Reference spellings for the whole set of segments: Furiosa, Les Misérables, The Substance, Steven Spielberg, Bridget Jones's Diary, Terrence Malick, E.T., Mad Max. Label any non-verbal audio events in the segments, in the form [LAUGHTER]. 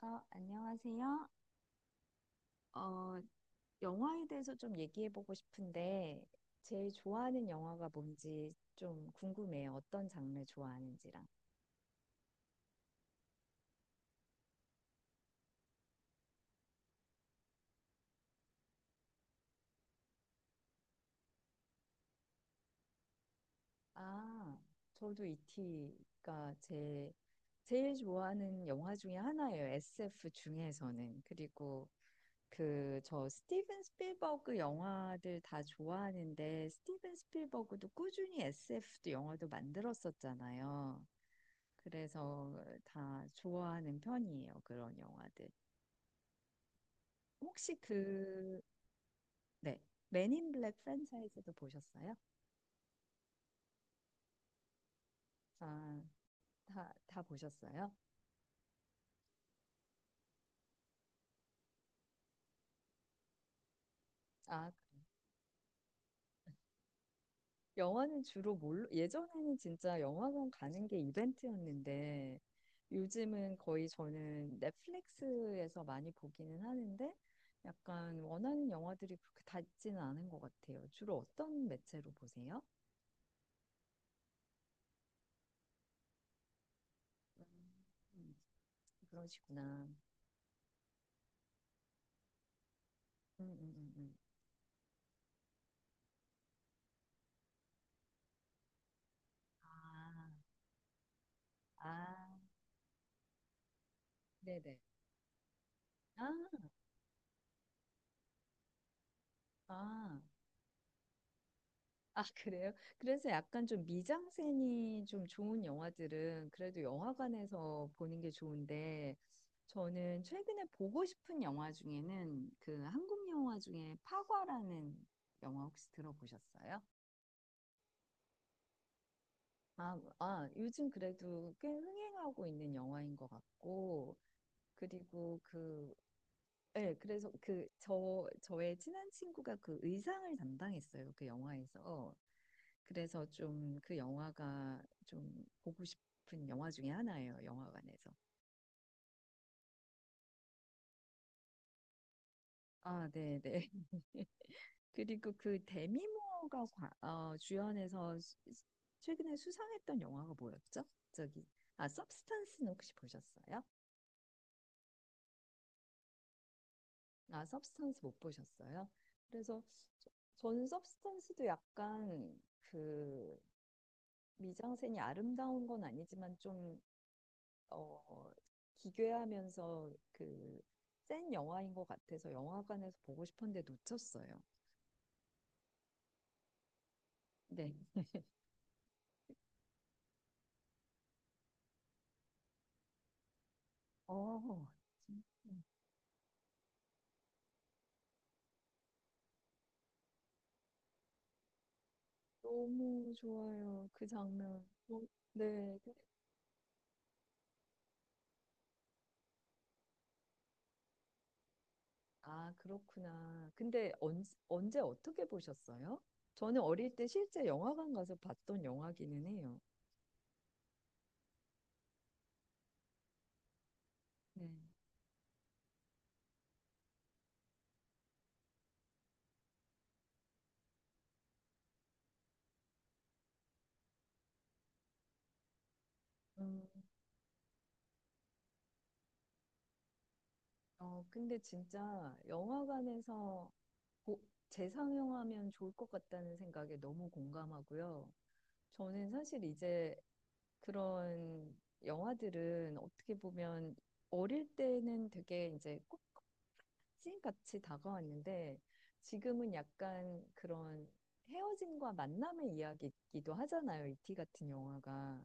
안녕하세요. 어, 영화에 대해서 좀 얘기해 보고 싶은데, 제일 좋아하는 영화가 뭔지 좀 궁금해요. 어떤 장르 좋아하는지랑. 아, 저도 이티가 제일 좋아하는 영화 중에 하나예요. SF 중에서는. 그리고 스티븐 스필버그 영화들 다 좋아하는데, 스티븐 스필버그도 꾸준히 SF도 영화도 만들었었잖아요. 그래서 다 좋아하는 편이에요. 그런 영화들. 혹시 네, 맨인 블랙 프랜차이즈도 보셨어요? 아, 다 보셨어요? 아, 영화는 주로 뭘로, 예전에는 진짜 영화관 가는 게 이벤트였는데 요즘은 거의 저는 넷플릭스에서 많이 보기는 하는데 약간 원하는 영화들이 그렇게 다 있지는 않은 것 같아요. 주로 어떤 매체로 보세요? 음, 음, 그러시구나. 음, 음, 음, 음. 아, 아, 네네. 아, 아, 아, 그래요? 그래서 약간 좀 미장센이 좀 좋은 영화들은 그래도 영화관에서 보는 게 좋은데 저는 최근에 보고 싶은 영화 중에는 그 한국 영화 중에 파과라는 영화 혹시 들어보셨어요? 아, 아, 요즘 그래도 꽤 흥행하고 있는 영화인 것 같고, 그리고 네, 그래서 저의 친한 친구가 그 의상을 담당했어요. 그 영화에서. 그래서 좀 그 영화가 좀 보고 싶은 영화 중에 하나예요. 영화관에서. 아, 네, 네. [LAUGHS] 그리고 그 데미 모어가 주연해서 최근에 수상했던 영화가 뭐였죠? 저기, 아, 서브스탄스는 혹시 보셨어요? 아, 서브스탄스 못 보셨어요? 그래서 저는 서브스탄스도 약간 그 미장센이 아름다운 건 아니지만 좀 어, 기괴하면서 그 센 영화인 것 같아서 영화관에서 보고 싶었는데 놓쳤어요. 네. 어, 음. 너무 좋아요. 그 장면. 어, 네. 아, 그렇구나. 근데 언제 어떻게 보셨어요? 저는 어릴 때 실제 영화관 가서 봤던 영화기는 해요. 네. 음. 근데 진짜 영화관에서 고- 재상영하면 좋을 것 같다는 생각에 너무 공감하고요. 저는 사실 이제 그런 영화들은 어떻게 보면 어릴 때는 되게 이제 꼭 찐같이 다가왔는데 지금은 약간 그런 헤어짐과 만남의 이야기이기도 하잖아요. 이티 같은 영화가.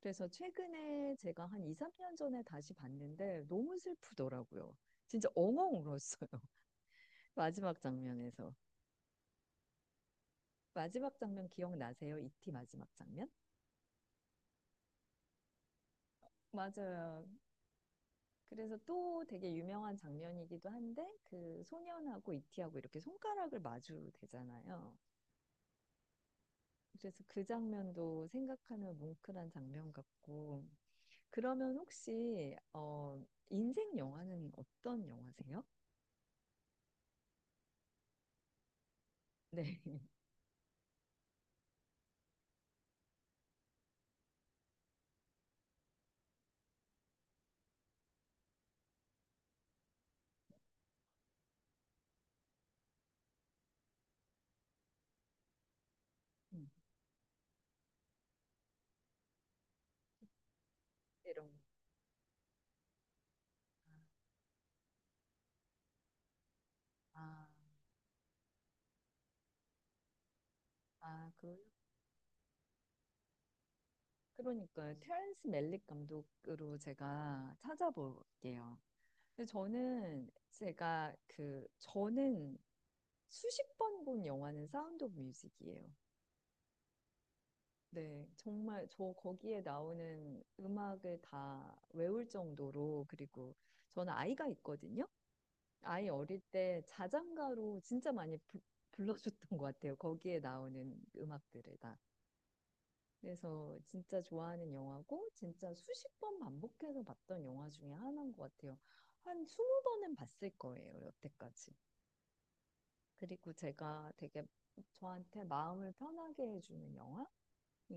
그래서 최근에 제가 한 2, 3년 전에 다시 봤는데 너무 슬프더라고요. 진짜 엉엉 울었어요. [LAUGHS] 마지막 장면에서. 마지막 장면 기억나세요? 이티 마지막 장면? 맞아요. 그래서 또 되게 유명한 장면이기도 한데 그 소년하고 이티하고 이렇게 손가락을 마주 대잖아요. 그래서 그 장면도 생각하면 뭉클한 장면 같고 그러면 혹시 인생 영화는 어떤 영화세요? [LAUGHS] 네. 음, 이런 거. 아, 아, 그러니까요. 테런스 멜릭 감독으로 제가 찾아볼게요. 근데 저는 제가 그 저는 수십 번 본 영화는 사운드 오브 뮤직이에요. 네, 정말 저 거기에 나오는 음악을 다 외울 정도로 그리고 저는 아이가 있거든요. 아이 어릴 때 자장가로 진짜 많이 불러줬던 것 같아요. 거기에 나오는 음악들을 그래서 진짜 좋아하는 영화고 진짜 수십 번 반복해서 봤던 영화 중에 하나인 것 같아요. 한 20번은 봤을 거예요, 여태까지. 그리고 제가 되게 저한테 마음을 편하게 해주는 영화인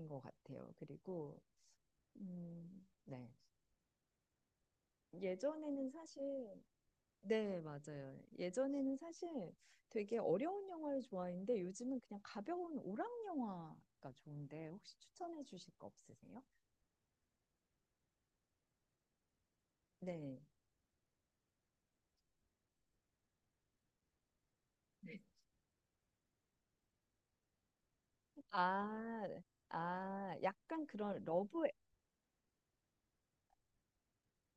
것 같아요. 그리고 네. 예전에는 사실 네, 맞아요. 예전에는 사실 되게 어려운 영화를 좋아했는데 요즘은 그냥 가벼운 오락 영화가 좋은데 혹시 추천해 주실 거 없으세요? 네. 아, 네. 아, 약간 그런 러브,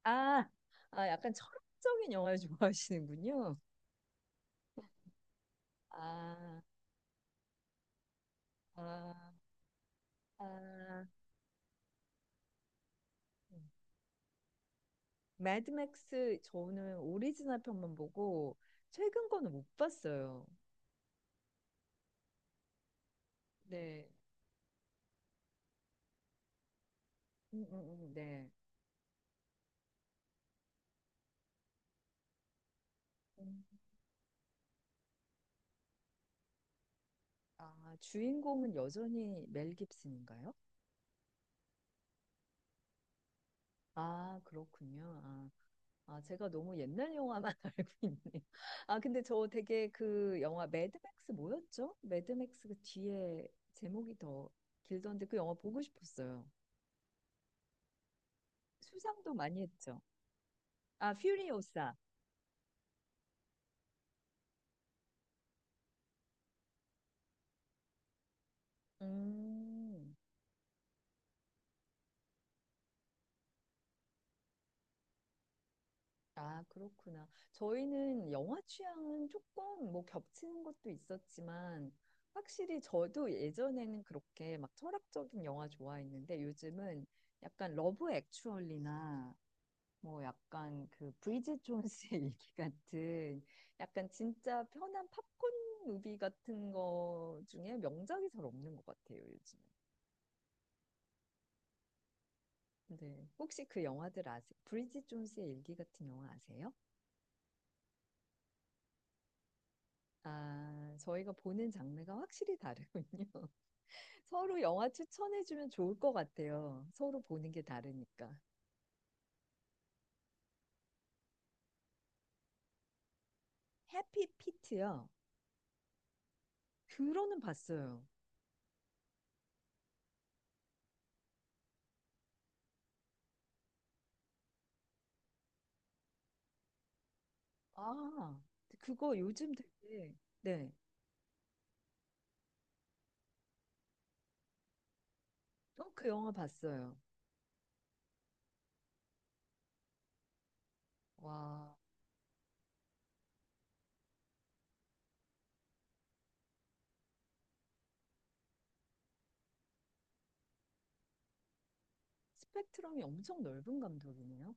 아, 아, 약간 철학적인 영화를 [LAUGHS] 좋아하시는군요. 아, 아, 아. 매드맥스 저는 오리지널 편만 보고 최근 거는 못 봤어요. 네, 음, 음, 네. 음. 아, 주인공은 여전히 멜 깁슨인가요? 아, 그렇군요. 아. 아, 제가 너무 옛날 영화만 [LAUGHS] 알고 있네요. 아, 근데 저 되게 그 영화 매드맥스 뭐였죠? 매드맥스 그 뒤에 제목이 더 길던데 그 영화 보고 싶었어요. 수상도 많이 했죠. 아, 퓨리오사. 음, 아, 그렇구나. 저희는 영화 취향은 조금 뭐 겹치는 것도 있었지만 확실히 저도 예전에는 그렇게 막 철학적인 영화 좋아했는데 요즘은 약간 러브 액츄얼리나 뭐 약간 그 브리짓 존스의 [LAUGHS] 일기 같은 약간 진짜 편한 팝콘 무비 같은 거 중에 명작이 잘 없는 것 같아요, 요즘. 네. 혹시 그 영화들 아세요? 브리짓 존스의 일기 같은 영화 아세요? 아, 저희가 보는 장르가 확실히 다르군요. [LAUGHS] 서로 영화 추천해주면 좋을 것 같아요. 서로 보는 게 다르니까. 해피 피트요. 들어는 봤어요. 아, 그거 요즘 되게, 네. 어, 그 영화 봤어요. 와, 스펙트럼이 엄청 넓은 감독이네요.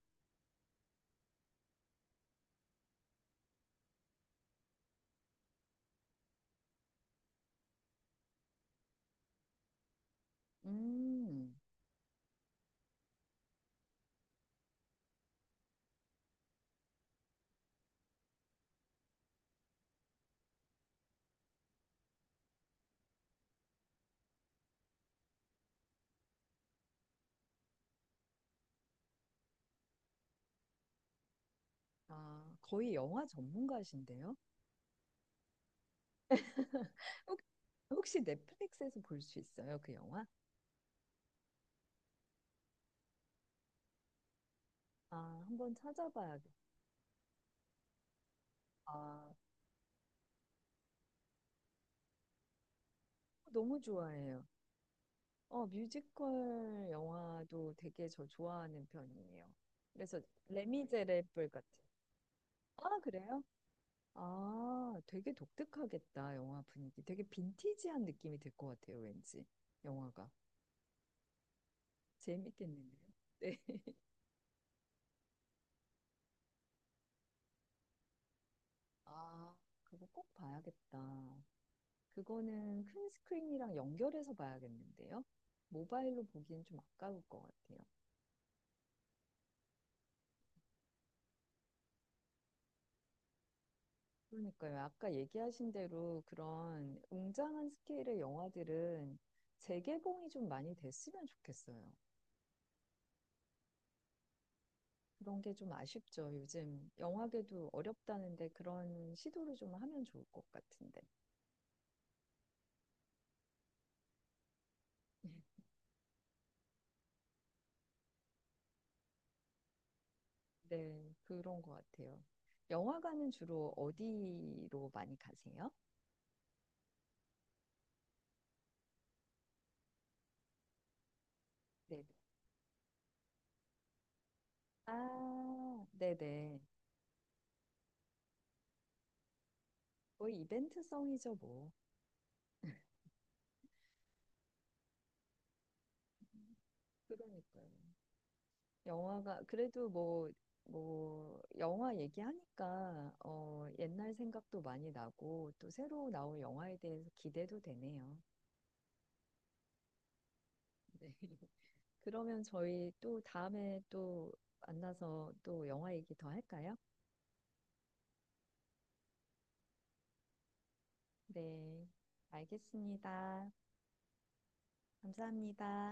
음, 아, 거의 영화 전문가신데요. 혹- 혹시 넷플릭스에서 볼 수 있어요, 그 영화? 아, 한번 찾아봐야겠다. 아, 너무 좋아해요. 어, 뮤지컬 영화도 되게 저 좋아하는 편이에요. 그래서 레미제레블 같은. 아, 그래요? 아, 되게 독특하겠다, 영화 분위기. 되게 빈티지한 느낌이 들 것 같아요, 왠지. 영화가. 재밌겠는데요? 네. 아, 그거 꼭 봐야겠다. 그거는 큰 스크린이랑 연결해서 봐야겠는데요. 모바일로 보기엔 좀 아까울 것 같아요. 그러니까요. 아까 얘기하신 대로 그런 웅장한 스케일의 영화들은 재개봉이 좀 많이 됐으면 좋겠어요. 그런 게 좀 아쉽죠. 요즘 영화계도 어렵다는데 그런 시도를 좀 하면 좋을 것 같은데. [LAUGHS] 네, 그런 것 같아요. 영화관은 주로 어디로 많이 가세요? 네. 아, 네네. 거의 이벤트성이죠, 뭐. 그러니까요. 영화가, 그래도 뭐, 뭐, 영화 얘기하니까, 옛날 생각도 많이 나고, 또 새로 나올 영화에 대해서 기대도 되네요. 네. [LAUGHS] 그러면 저희 또 다음에 또 만나서 또 영화 얘기 더 할까요? 네, 알겠습니다. 감사합니다.